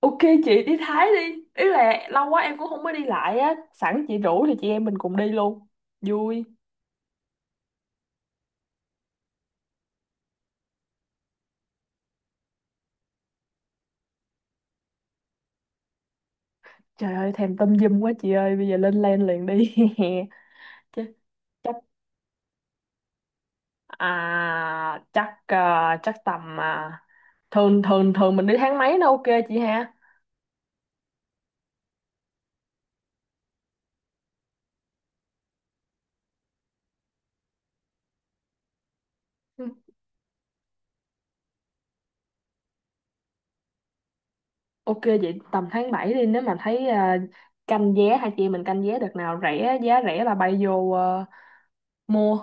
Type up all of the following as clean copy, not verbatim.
Ok, chị đi Thái đi Ý là lâu quá em cũng không có đi lại á. Sẵn chị rủ thì chị em mình cùng đi luôn. Vui. Trời ơi thèm tâm dâm quá chị ơi. Bây giờ lên lên liền đi. Chứ chắc à, Chắc à, chắc tầm à, Thường thường thường mình đi tháng mấy nó ok chị ha. Ừ. Ok, vậy tầm tháng 7 đi. Nếu mà thấy à, canh vé. Hai chị em mình canh vé đợt nào rẻ, giá rẻ là bay vô à, mua.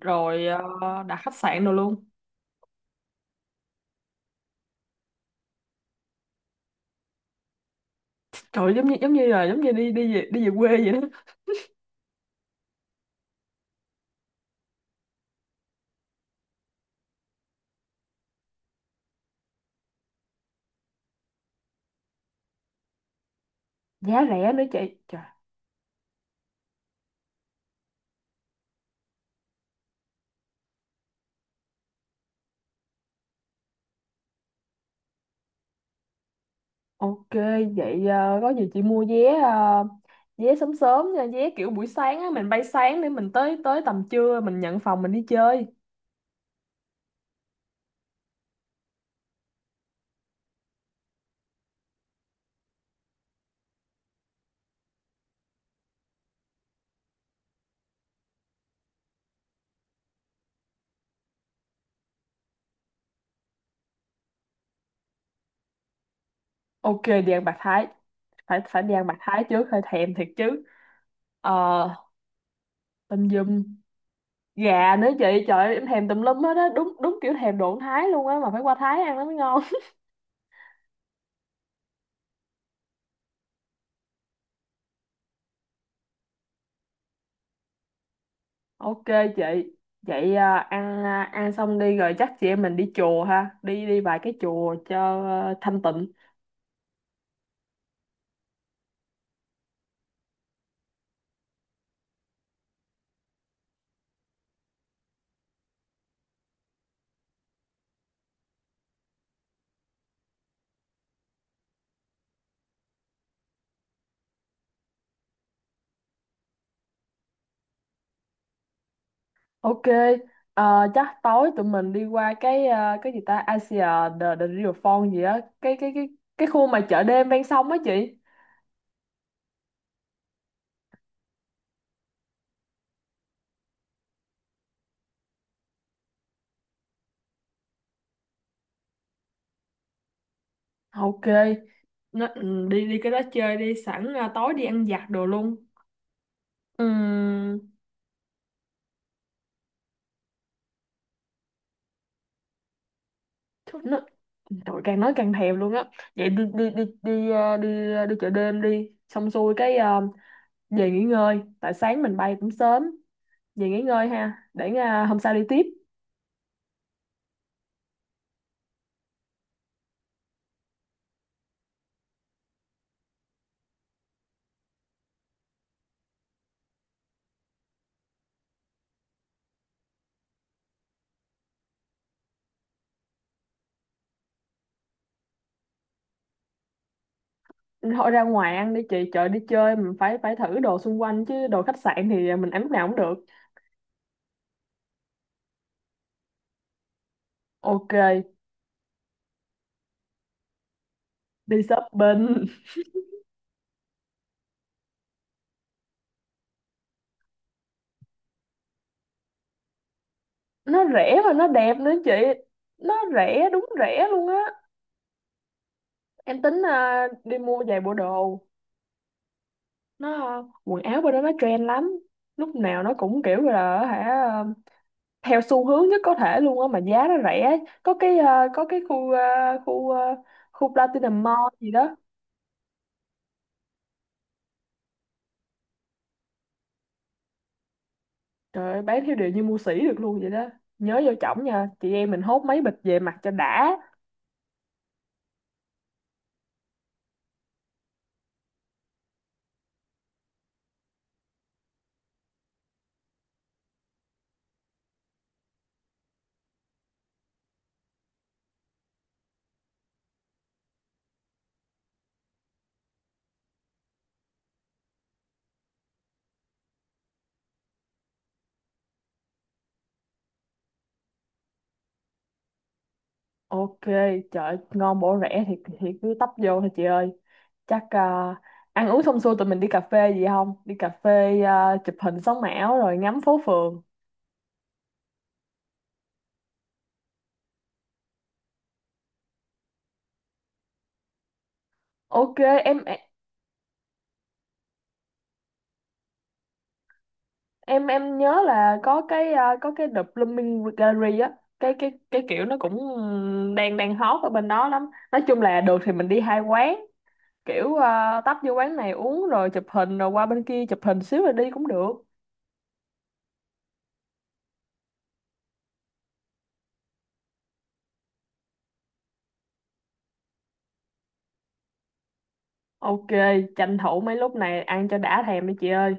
Rồi à, đặt khách sạn rồi luôn. Trời, giống như đi đi về quê vậy đó. Giá rẻ nữa chị. Trời. Ok, vậy có gì chị mua vé, vé sớm sớm nha, vé kiểu buổi sáng á, mình bay sáng để mình tới tới tầm trưa mình nhận phòng mình đi chơi. Ok, đi ăn bạc thái. Phải phải đi ăn bạc thái trước, hơi thèm thiệt chứ. ờ Tôm dùm gà nữa chị, trời ơi, em thèm tùm lum hết á, đúng đúng kiểu thèm đồ ăn Thái luôn á, mà phải qua Thái ăn nó mới ngon. Ok chị. Vậy à, ăn xong đi rồi chắc chị em mình đi chùa ha, đi đi vài cái chùa cho à, thanh tịnh. Ok, chắc tối tụi mình đi qua cái cái gì ta Asia, the Riverfront gì á, cái khu mà chợ đêm ven sông á chị. Ok, nó, ừ, đi đi cái đó chơi đi, sẵn tối đi ăn vặt đồ luôn. Ừm. Thôi nó, trời càng nói càng thèm luôn á. Vậy đi đi đi đi ờ, đi đi chợ đêm đi, xong xuôi cái về nghỉ ngơi, tại sáng mình bay cũng sớm, về nghỉ ngơi ha, để hôm sau đi tiếp. Thôi ra ngoài ăn đi chị, chợ đi chơi mình phải phải thử đồ xung quanh chứ, đồ khách sạn thì mình ăn lúc nào cũng được. Ok, đi shopping. Nó rẻ và nó đẹp nữa chị, nó rẻ, đúng rẻ luôn á. Em tính à, đi mua vài bộ đồ. Nó à, quần áo bên đó nó trend lắm, lúc nào nó cũng kiểu là hả à, theo xu hướng nhất có thể luôn á, mà giá nó rẻ. Có cái à, có cái khu Platinum Mall gì đó. Trời ơi, bán theo điều như mua sỉ được luôn vậy đó. Nhớ vô chổng nha, chị em mình hốt mấy bịch về mặt cho đã. Ok, trời ơi, ngon bổ rẻ thì cứ tấp vô thôi chị ơi. Chắc à, ăn uống xong xuôi tụi mình đi cà phê gì không? Đi cà phê à, chụp hình sống ảo rồi ngắm phố phường. Ok, em em nhớ là có cái à, có cái The Blooming Gallery á, cái kiểu nó cũng đang đang hot ở bên đó lắm. Nói chung là được thì mình đi hai quán, kiểu à, tấp vô quán này uống rồi chụp hình rồi qua bên kia chụp hình xíu rồi đi cũng được. Ok, tranh thủ mấy lúc này ăn cho đã thèm đi chị ơi.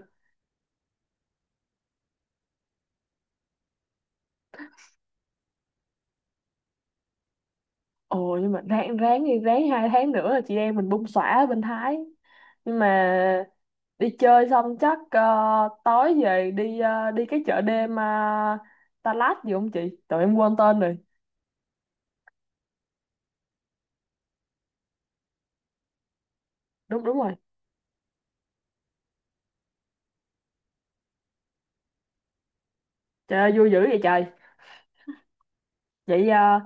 Ồ, nhưng mà ráng ráng đi, ráng 2 tháng nữa là chị em mình bung xõa ở bên Thái. Nhưng mà đi chơi xong chắc tối về đi, đi cái chợ đêm, Đà Lạt gì không chị, tụi em quên tên rồi. Đúng đúng rồi. Trời ơi, vui dữ vậy trời. Vậy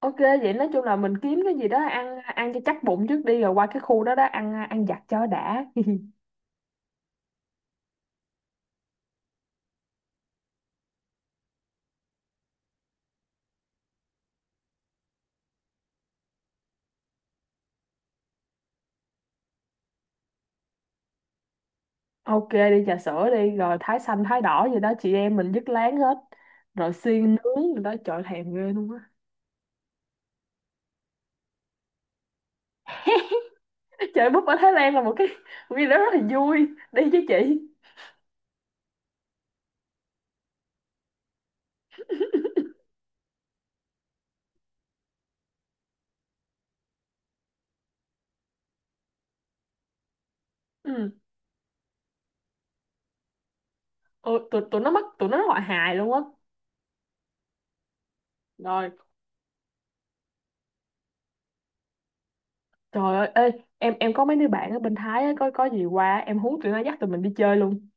ok, vậy nói chung là mình kiếm cái gì đó ăn ăn cho chắc bụng trước đi, rồi qua cái khu đó đó ăn ăn vặt cho đã. Ok, đi trà sữa đi, rồi thái xanh thái đỏ gì đó chị em mình dứt láng hết, rồi xiên nướng rồi đó, trời thèm ghê luôn á. Chơi búp ở Thái Lan là một cái gì đó rất là vui. Đi với chị. Ừ. Ôi, tụi nó mắc, tụi nó gọi hài luôn á. Rồi, trời ơi, ê, em có mấy đứa bạn ở bên Thái á, có gì qua em hú tụi nó dắt tụi mình đi chơi luôn.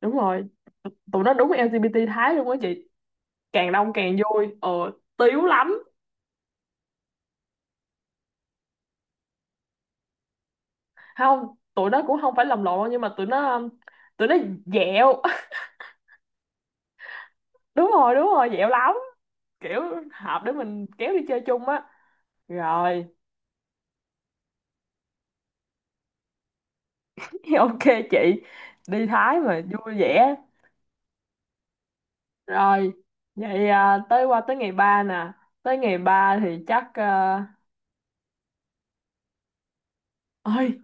Đúng rồi, tụi tụi nó đúng LGBT Thái luôn á chị, càng đông càng vui. Ờ Tiếu lắm. Không, tụi nó cũng không phải lầm lộn, nhưng mà tụi nó dẹo. Đúng rồi, đúng rồi, dẻo lắm, kiểu hợp để mình kéo đi chơi chung á. Rồi. Ok chị, đi Thái mà vui vẻ. Rồi vậy à, tới qua tới ngày 3 nè, tới ngày 3 thì chắc à. Ơi,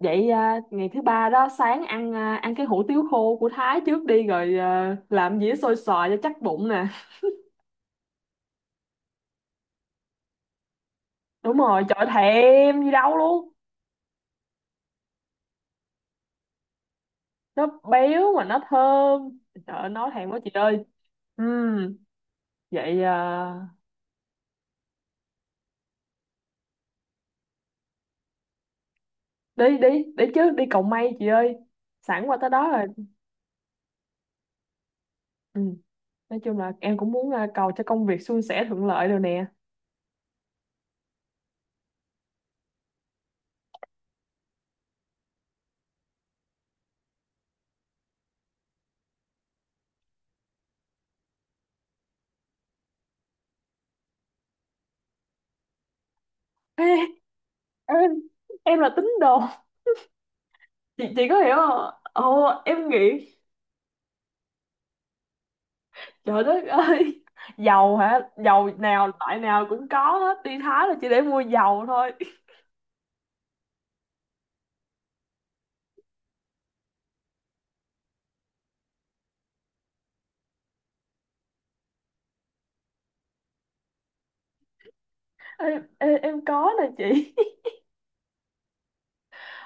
vậy à, ngày thứ ba đó sáng ăn cái hủ tiếu khô của Thái trước đi, rồi à, làm dĩa xôi xoài cho chắc bụng nè. Đúng rồi, trời thèm gì đâu luôn. Nó béo mà nó thơm. Trời ơi, nói thèm quá chị ơi. Ừ. Vậy à, đi đi đi chứ, đi cầu may chị ơi, sẵn qua tới đó rồi. Ừ. Nói chung là em cũng muốn à, cầu cho công việc suôn sẻ thuận lợi rồi nè. Ê, em em là tín đồ chị có hiểu không, ồ em nghĩ. Trời đất ơi, dầu hả, dầu nào loại nào cũng có hết, đi Thái là chỉ để mua dầu thôi. Ê, ê, em có nè chị.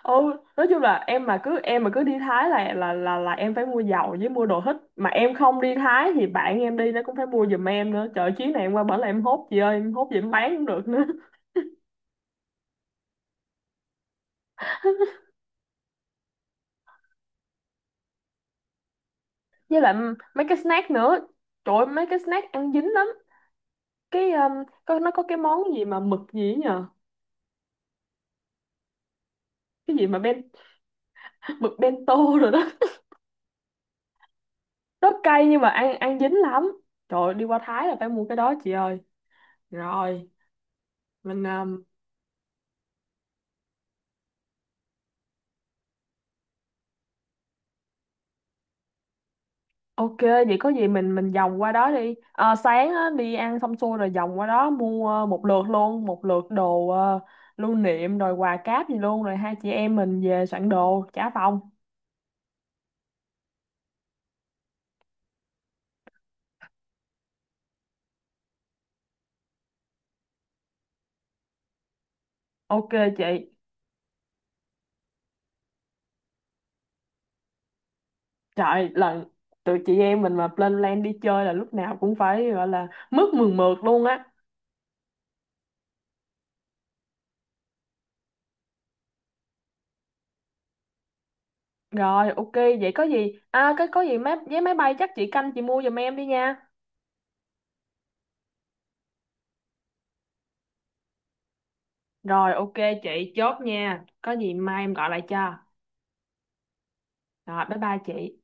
Ừ. Nói chung là em mà cứ đi Thái là em phải mua dầu với mua đồ hít. Mà em không đi Thái thì bạn em đi nó cũng phải mua giùm em nữa. Trời, chuyến này em qua bển là em hốt gì ơi, em hốt gì em bán cũng được nữa. Với lại mấy cái snack nữa, trời ơi, mấy cái snack ăn dính lắm. Cái có nó có cái món gì mà mực gì ấy nhờ, cái gì mà ben. Mực bento rồi đó. Rất cay nhưng mà ăn ăn dính lắm. Trời ơi, đi qua Thái là phải mua cái đó chị ơi. Rồi mình à. Ok, vậy có gì mình vòng qua đó đi. Ờ, sáng á, đi ăn xong xuôi rồi vòng qua đó mua một lượt luôn, một lượt đồ lưu niệm rồi quà cáp gì luôn, rồi hai chị em mình về soạn đồ trả phòng. Ok chị. Trời, lần tụi chị em mình mà lên plan đi chơi là lúc nào cũng phải gọi là mướt mượt mượt luôn á. Rồi ok, vậy có gì? À cái có gì máy vé máy bay chắc chị canh chị mua giùm em đi nha. Rồi ok chị chốt nha. Có gì mai em gọi lại cho. Rồi bye bye chị.